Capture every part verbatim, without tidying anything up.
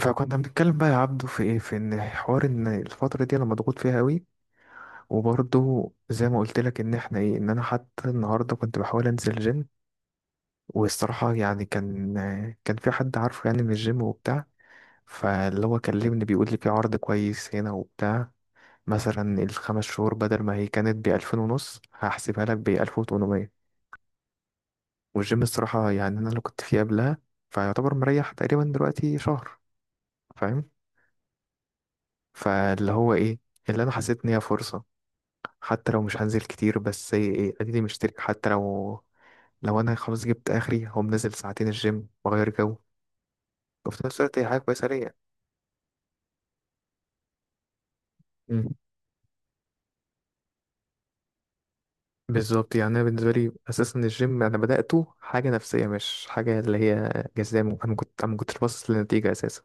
فكنا بنتكلم بقى يا عبدو، في ايه في ان حوار ان الفتره دي انا مضغوط فيها قوي. وبرضه زي ما قلت لك ان احنا ايه ان انا حتى النهارده كنت بحاول انزل جيم. والصراحه يعني كان كان في حد عارفه يعني من الجيم وبتاع. فاللي هو كلمني بيقول لي في عرض كويس هنا وبتاع. مثلا الخمس شهور بدل ما هي كانت بألفين ونص هحسبها لك بألف وتمنمية. والجيم الصراحه يعني انا اللي كنت فيه قبلها فيعتبر مريح. تقريبا دلوقتي شهر، فاهم؟ فاللي هو ايه، اللي انا حسيت ان هي فرصه. حتى لو مش هنزل كتير، بس ايه، اديني مشترك حتى لو. لو انا خلاص جبت اخري هقوم نازل ساعتين الجيم واغير جو. وفي نفس الوقت هي حاجه كويسه ليا. مم. بالظبط، يعني انا بالنسبه لي اساسا الجيم انا بداته حاجه نفسيه مش حاجه اللي هي جزاء. انا كنت انا ما كنتش باصص للنتيجه اساسا.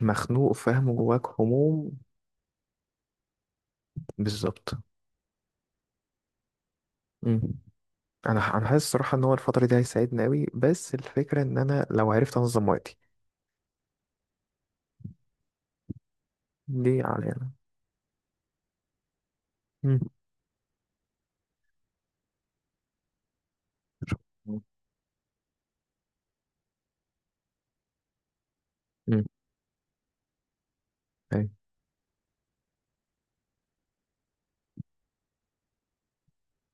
مخنوق، فاهم، جواك هموم. بالظبط. مم. انا انا حاسس الصراحه ان هو الفتره دي هيساعدني قوي، بس الفكره ان انا لو عرفت انظم وقتي. دي علينا. مم. مم. أيوة.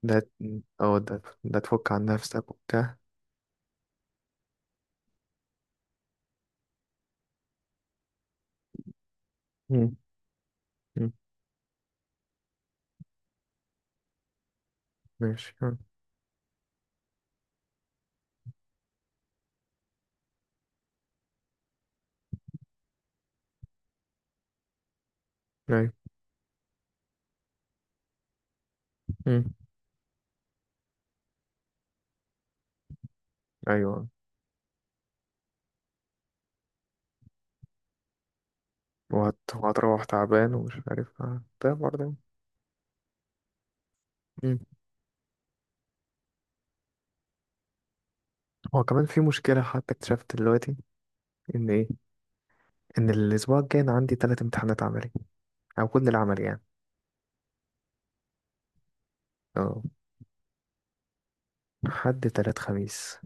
ده اه ده ده تفك عن نفسك وبتاع. مم. مم. ماشي. مم. أيوة. مم. أيوة. وهت... وهتروح تعبان ومش عارف. ده برضه. مم. هو كمان في مشكلة حتى اكتشفت دلوقتي، إن إيه، إن الأسبوع الجاي أنا عندي تلات امتحانات عملي، أو كل العمل يعني. اه. حد، تلات، خميس.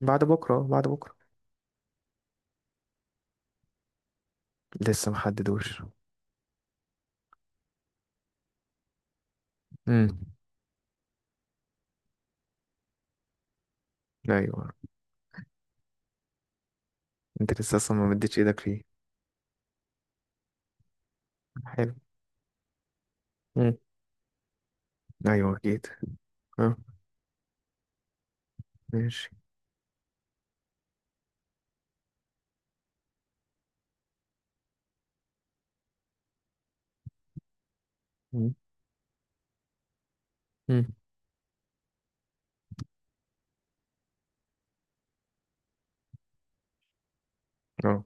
بعد بكرة، آه، بعد بكرة. لسه محددوش. مم. أيوة. أنت لسه أصلا ما مدتش إيدك فيه. حلو. مم. أيوة أكيد. اه. ماشي. مم. مم. اه.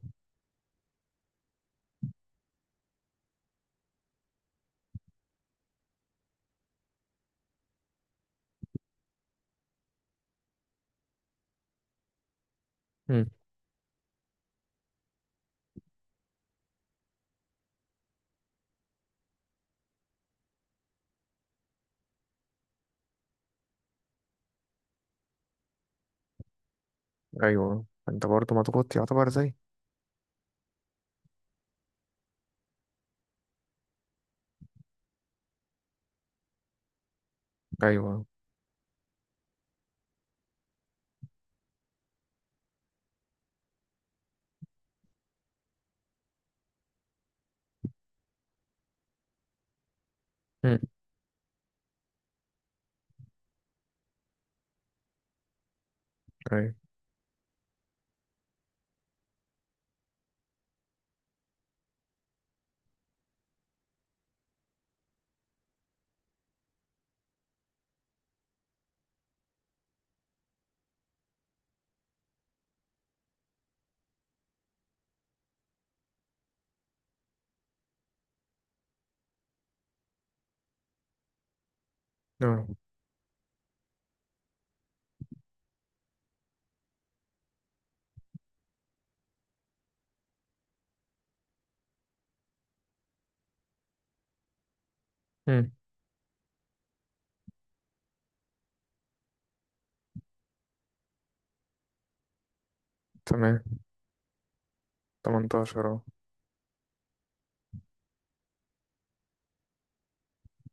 ايوه، انت برضه مضغوط يعتبر زي. ايوه. امم. ايوه. اه. امم. تمام. تمنتاشر. اه.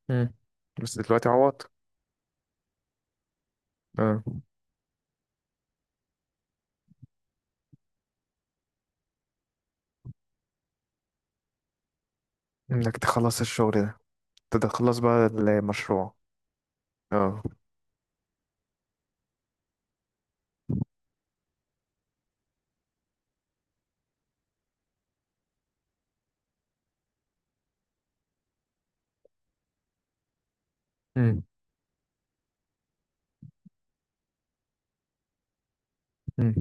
امم. بس دلوقتي عوضت. اه. انك تخلص الشغل. ده تخلص بقى المشروع. اه. امم. امم.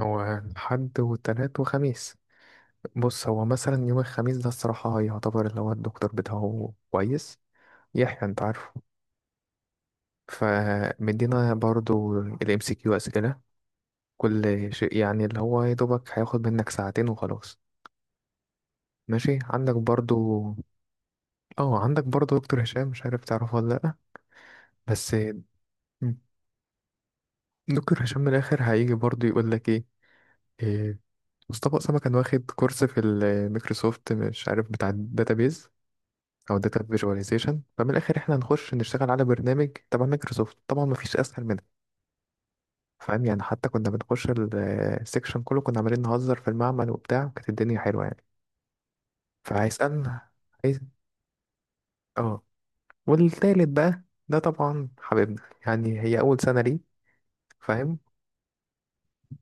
هو الحد والتلات وخميس. بص، هو مثلا يوم الخميس ده الصراحة يعتبر اللي هو الدكتور بتاعه كويس، يحيى، انت عارفه. فمدينا برضو الام سي كيو، اسئلة، كل شيء يعني. اللي هو يا دوبك هياخد منك ساعتين وخلاص. ماشي. عندك برضو، اه، عندك برضو دكتور هشام، مش عارف تعرفه ولا لأ، بس دكتور هشام من الآخر هيجي برضو يقول لك إيه إيه، مصطفى أسامة كان واخد كورس في الميكروسوفت، مش عارف بتاع الداتابيز أو داتا فيجواليزيشن. فمن الآخر إحنا هنخش نشتغل على برنامج تبع ميكروسوفت، طبعا مفيش أسهل منها. فاهم يعني؟ حتى كنا بنخش السكشن كله كنا عمالين نهزر في المعمل وبتاع، وكانت الدنيا حلوة يعني. فهيسألنا. عايز. اه. والتالت بقى، ده طبعا حبيبنا، يعني هي أول سنة ليه. فاهم؟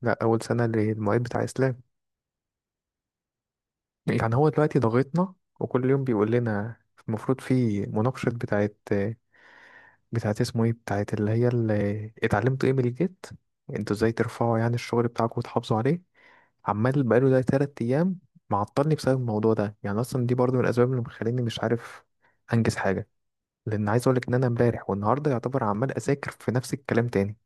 لا، أول سنة للمعيد بتاع إسلام. يعني هو دلوقتي ضاغطنا، وكل يوم بيقول لنا المفروض في مناقشة بتاعت بتاعت اسمه ايه، بتاعت اللي هي اللي اتعلمتوا ايه من الجيت، انتوا ازاي ترفعوا يعني الشغل بتاعكم وتحافظوا عليه. عمال بقاله ده تلات أيام معطلني بسبب الموضوع ده. يعني أصلا دي برضو من الأسباب اللي مخليني مش عارف أنجز حاجة، لأن عايز أقولك إن أنا امبارح والنهاردة يعتبر عمال أذاكر في نفس الكلام تاني.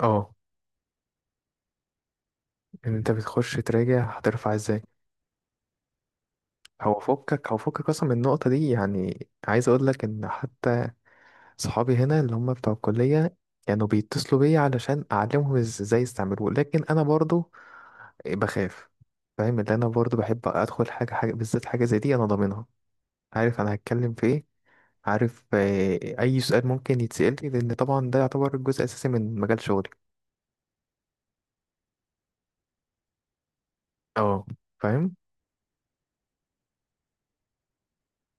اه. ان انت بتخش تراجع هترفع ازاي. هو فكك هو فكك اصلا من النقطه دي. يعني عايز اقول لك ان حتى صحابي هنا اللي هم بتوع الكليه كانوا يعني بيتصلوا بيا علشان اعلمهم ازاي يستعملوه. لكن انا برضو بخاف، فاهم؟ اللي انا برضو بحب ادخل حاجه حاجه بالذات، حاجه زي دي انا ضامنها، عارف انا هتكلم في ايه، عارف آه، اي سؤال ممكن يتسال لي، لان طبعا ده يعتبر جزء اساسي من مجال شغلي. اه. فاهم.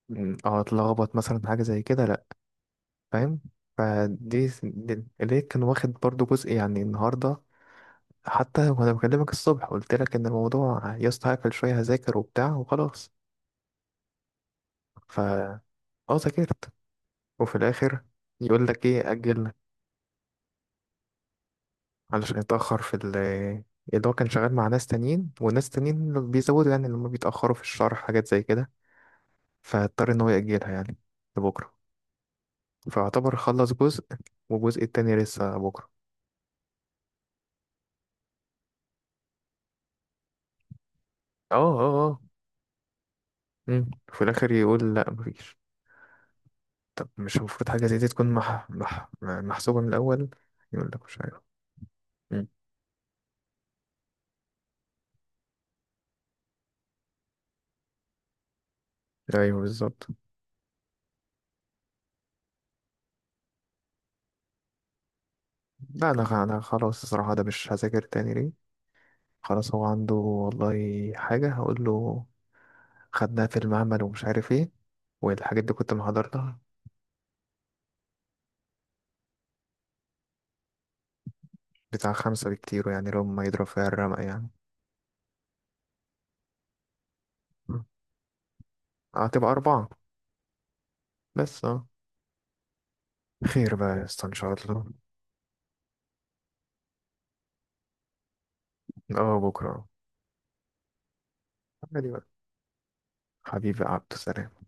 م، اه اتلخبط مثلا في حاجه زي كده. فاهم. فدي س- دي- ليه كان واخد برضو جزء يعني النهارده. حتى وانا بكلمك الصبح قلت لك ان الموضوع يا اسطى هقفل شويه هذاكر وبتاع وخلاص. ف اه ذاكرت. وفي الاخر يقول لك ايه، اجل. علشان يتاخر في ال، اللي هو كان شغال مع ناس تانيين، وناس تانيين بيزودوا يعني، لما بيتاخروا في الشرح حاجات زي كده، فاضطر ان هو ياجلها يعني لبكره. فاعتبر خلص جزء، والجزء التاني لسه بكره. اه، اه، اه. مم. في الاخر يقول لا، مفيش. طب مش المفروض حاجة زي دي تكون مح... مح... محسوبة من الأول؟ يقول لك مش عارف. مم. أيوه بالظبط. لا، أنا خ- أنا خلاص الصراحة ده مش هذاكر تاني، ليه؟ خلاص، هو عنده والله حاجة هقول له خدناها في المعمل ومش عارف ايه، والحاجات دي كنت محضرتها. بتاع خمسة بكتير، يعني لو ما يضرب فيها الرمق يعني. مم. هتبقى أربعة. بس اه، خير بقى يا اسطى إن شاء الله. اه، بكرة. عادي بقى. حبيبي عبد السلام.